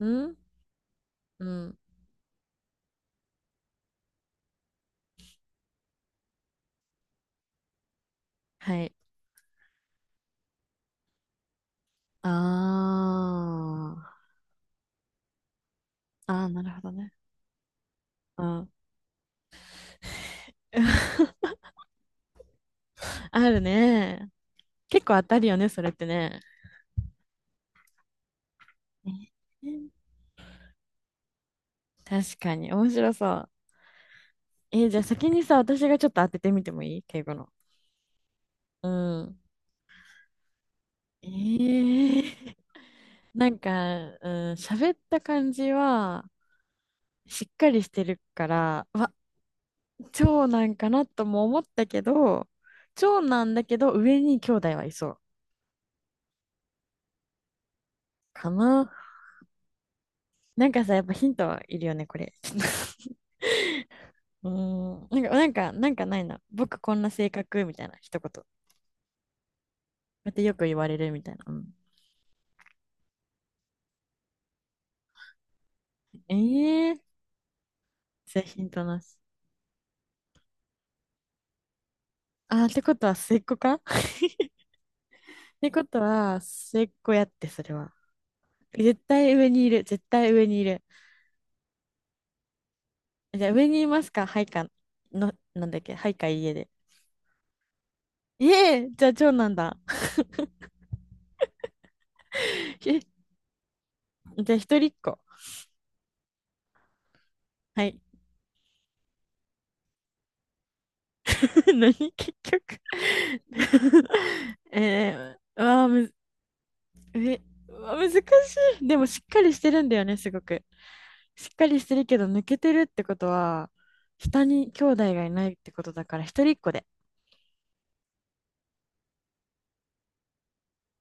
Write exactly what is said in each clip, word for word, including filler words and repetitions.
うん、うん。はい。ああ、ああ、なるほどね。うん。あるね。結構当たるよね、それってね。ね、確かに、面白そう。えーじゃあ先にさ、私がちょっと当ててみてもいい敬語の。うん。えー、なんか、うん、喋った感じは、しっかりしてるから、うわ、長男かなとも思ったけど、長男だけど、上に兄弟はいそう。かな。なんかさ、やっぱヒントいるよね、これ。ちょっと うーん。なんか、なんか、なんかないな。僕こんな性格みたいな、一言。こうやってよく言われるみたいな。うん、ええー、じゃあヒントなし。あー、ってことは末っ子か ってことは末っ子やって、それは。絶対上にいる、絶対上にいる。じゃあ上にいますかはいか、の、なんだっけはいか家で。ええー、じゃあ長男だ。え、じゃあ一人っ子。はい。何結局。 えー、わあむず、え、うわ難しい。でもしっかりしてるんだよね、すごく。しっかりしてるけど抜けてるってことは、下に兄弟がいないってことだから、一人っ子で。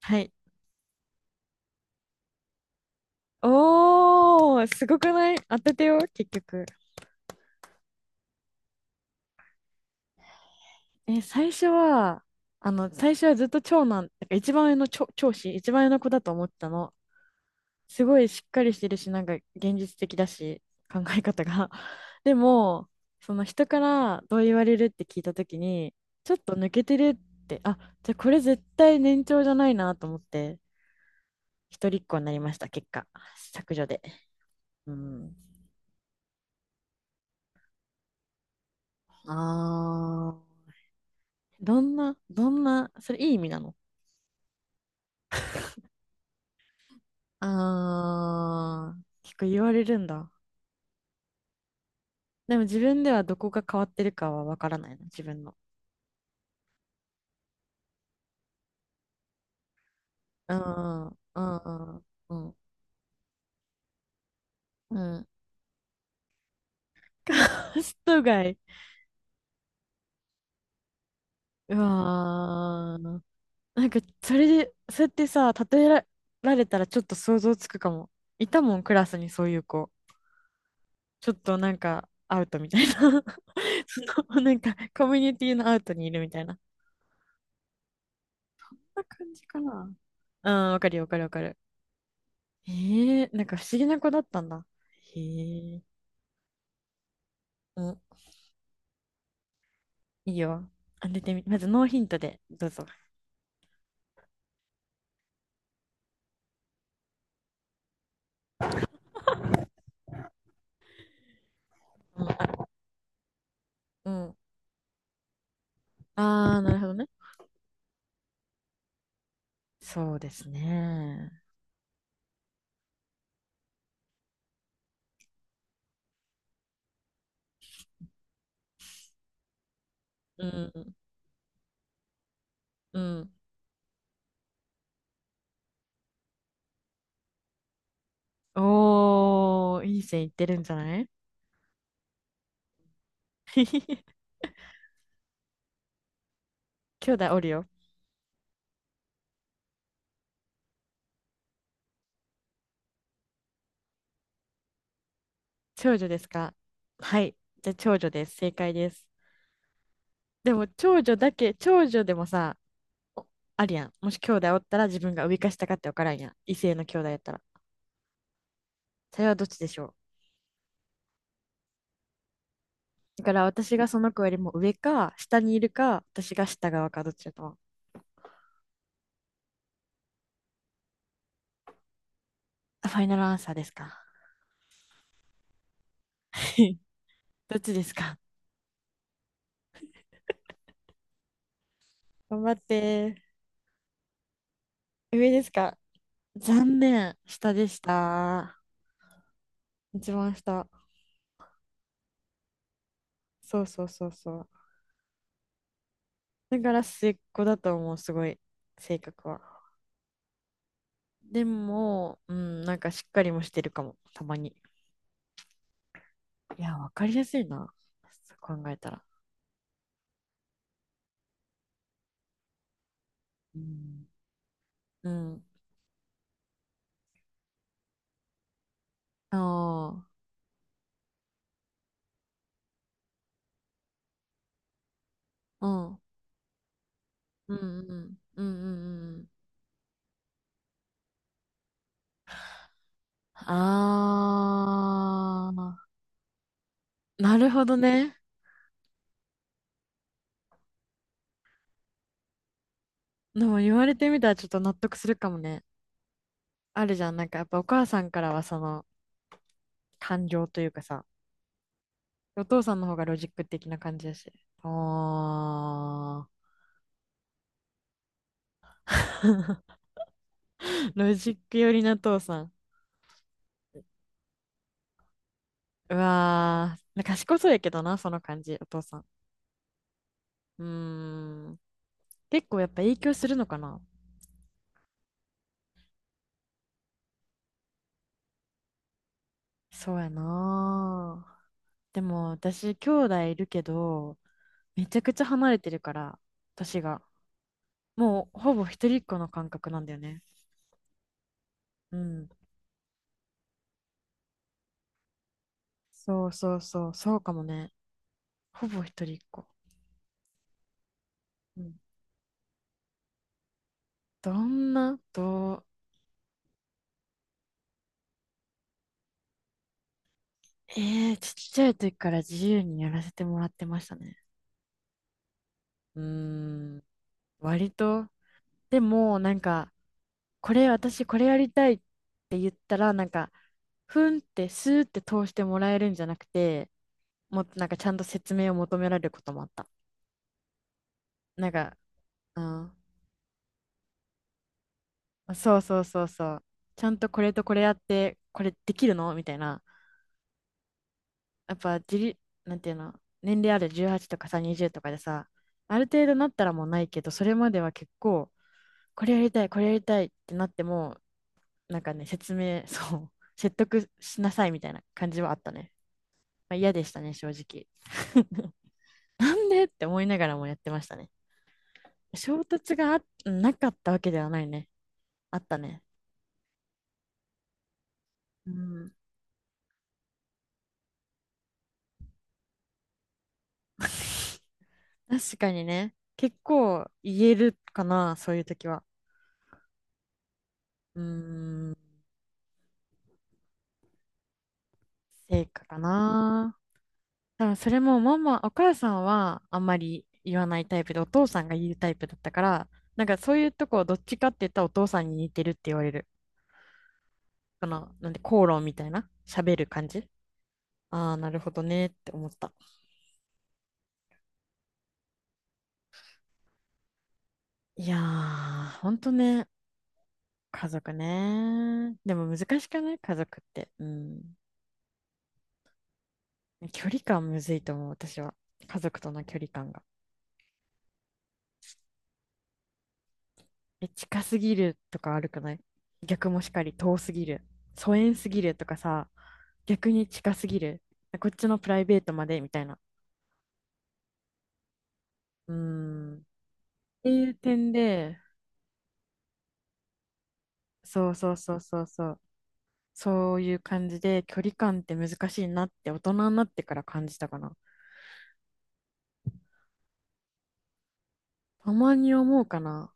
はい。おー、すごくない、当ててよ、結局。え、最初は、あの、最初はずっと長男、だから一番上の長、長子、一番上の子だと思ってたの。すごいしっかりしてるし、なんか現実的だし、考え方が。でも、その人からどう言われるって聞いたときに、ちょっと抜けてるって、あ、じゃあこれ絶対年長じゃないなと思って、一人っ子になりました、結果。削除で。うん。あー、どんな、どんな、それいい意味なの？あ、あー結構言われるんだ。でも自分ではどこが変わってるかはわからないの、自分の。うん、うん、うん、うん。うん。カースト街。うわー。なんか、それで、そうやってさ、例えられたらちょっと想像つくかも。いたもん、クラスにそういう子。ちょっとなんか、アウトみたいな。その、なんか、コミュニティのアウトにいるみたいな。そんな感じかな。うん、わかるよ、わかるわかる。へえ、なんか不思議な子だったんだ。へえ、うん、いいよ。当ててみ、まずノーヒントで、どうぞ。うん、あ、うん。あー、なるほどね。そうですね。うん、うん。おー、いい線いってるんじゃない？ 兄弟おるよ。長女ですか？はい。じゃあ長女です。正解です。でも長女だけ、長女でもさ、お、あるやん。もし兄弟おったら自分が上か下かって分からんやん。異性の兄弟やったら。それはどっちでしょう？だから私がその子よりも上か、下にいるか、私が下側か、どっちだと思う？あ、ファイナルアンサーですか？ どっちですか？頑張って。上ですか？残念。下でした。一番下。そうそうそうそう。だから末っ子だと思う、すごい、性格は。でも、うん、なんかしっかりもしてるかも、たまに。いや、わかりやすいな、そう考えたら。うん。うん。ああ、うん。うんうん。うんうんうん。ああ、なるほどね。でも言われてみたらちょっと納得するかもね。あるじゃん、なんかやっぱお母さんからはその感情というかさ、お父さんの方がロジック的な感じだし。あー、ロジック寄りな父さん。うわー、賢そうやけどな、その感じ、お父さん。うーん、結構やっぱ影響するのかな。そうやなー。でも私、兄弟いるけど、めちゃくちゃ離れてるから、私が。もうほぼ一人っ子の感覚なんだよね。うん。そうそうそう、そうかもね。ほぼ一人っ子。うん。どんな、どう、ええ、ちっちゃい時から自由にやらせてもらってましたね。うーん、割と。でも、なんか、これ、私、これやりたいって言ったら、なんか、ふんって、スーって通してもらえるんじゃなくて、もっとなんか、ちゃんと説明を求められることもあった。なんか、うん、そうそうそうそう。ちゃんとこれとこれやって、これできるのみたいな。やっぱ、自立、なんていうの、年齢あるじゅうはちとかさ、はたちとかでさ、ある程度なったらもうないけど、それまでは結構、これやりたい、これやりたいってなっても、なんかね、説明、そう、説得しなさいみたいな感じはあったね。まあ、嫌でしたね、正直。なんでって思いながらもやってましたね。衝突があなかったわけではないね。あったね。うん。確かにね。結構言えるかな、そういう時は。うーん、成果かな。多分それもママ、お母さんはあんまり言わないタイプで、お父さんが言うタイプだったから、なんかそういうとこどっちかって言ったらお父さんに似てるって言われる。この、なんで口論みたいな、喋る感じ。ああ、なるほどねって思った。いやー、ほんとね、家族ね。でも難しくない家族って？うん。距離感むずいと思う、私は。家族との距離感が。え、近すぎるとか悪くない？逆もしかり遠すぎる。疎遠すぎるとかさ、逆に近すぎる。こっちのプライベートまでみたいな。うーん。っていう点で、そうそうそうそうそう。そういう感じで距離感って難しいなって大人になってから感じたかな。たまに思うかな。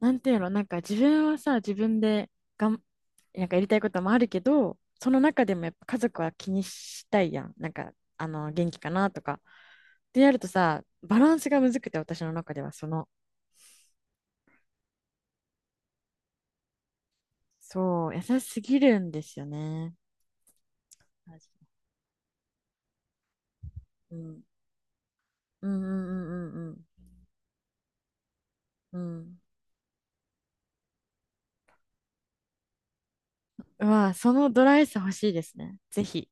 なんていうの、なんか自分はさ、自分でがん、なんかやりたいこともあるけど、その中でもやっぱ家族は気にしたいやん。なんか、あの、元気かなとか。ってやるとさ、バランスがむずくて、私の中ではその、そう、優しすぎるんですよね。うんうんうんうんうんうん。うん。うわ、そのドライさ欲しいですね。ぜひ。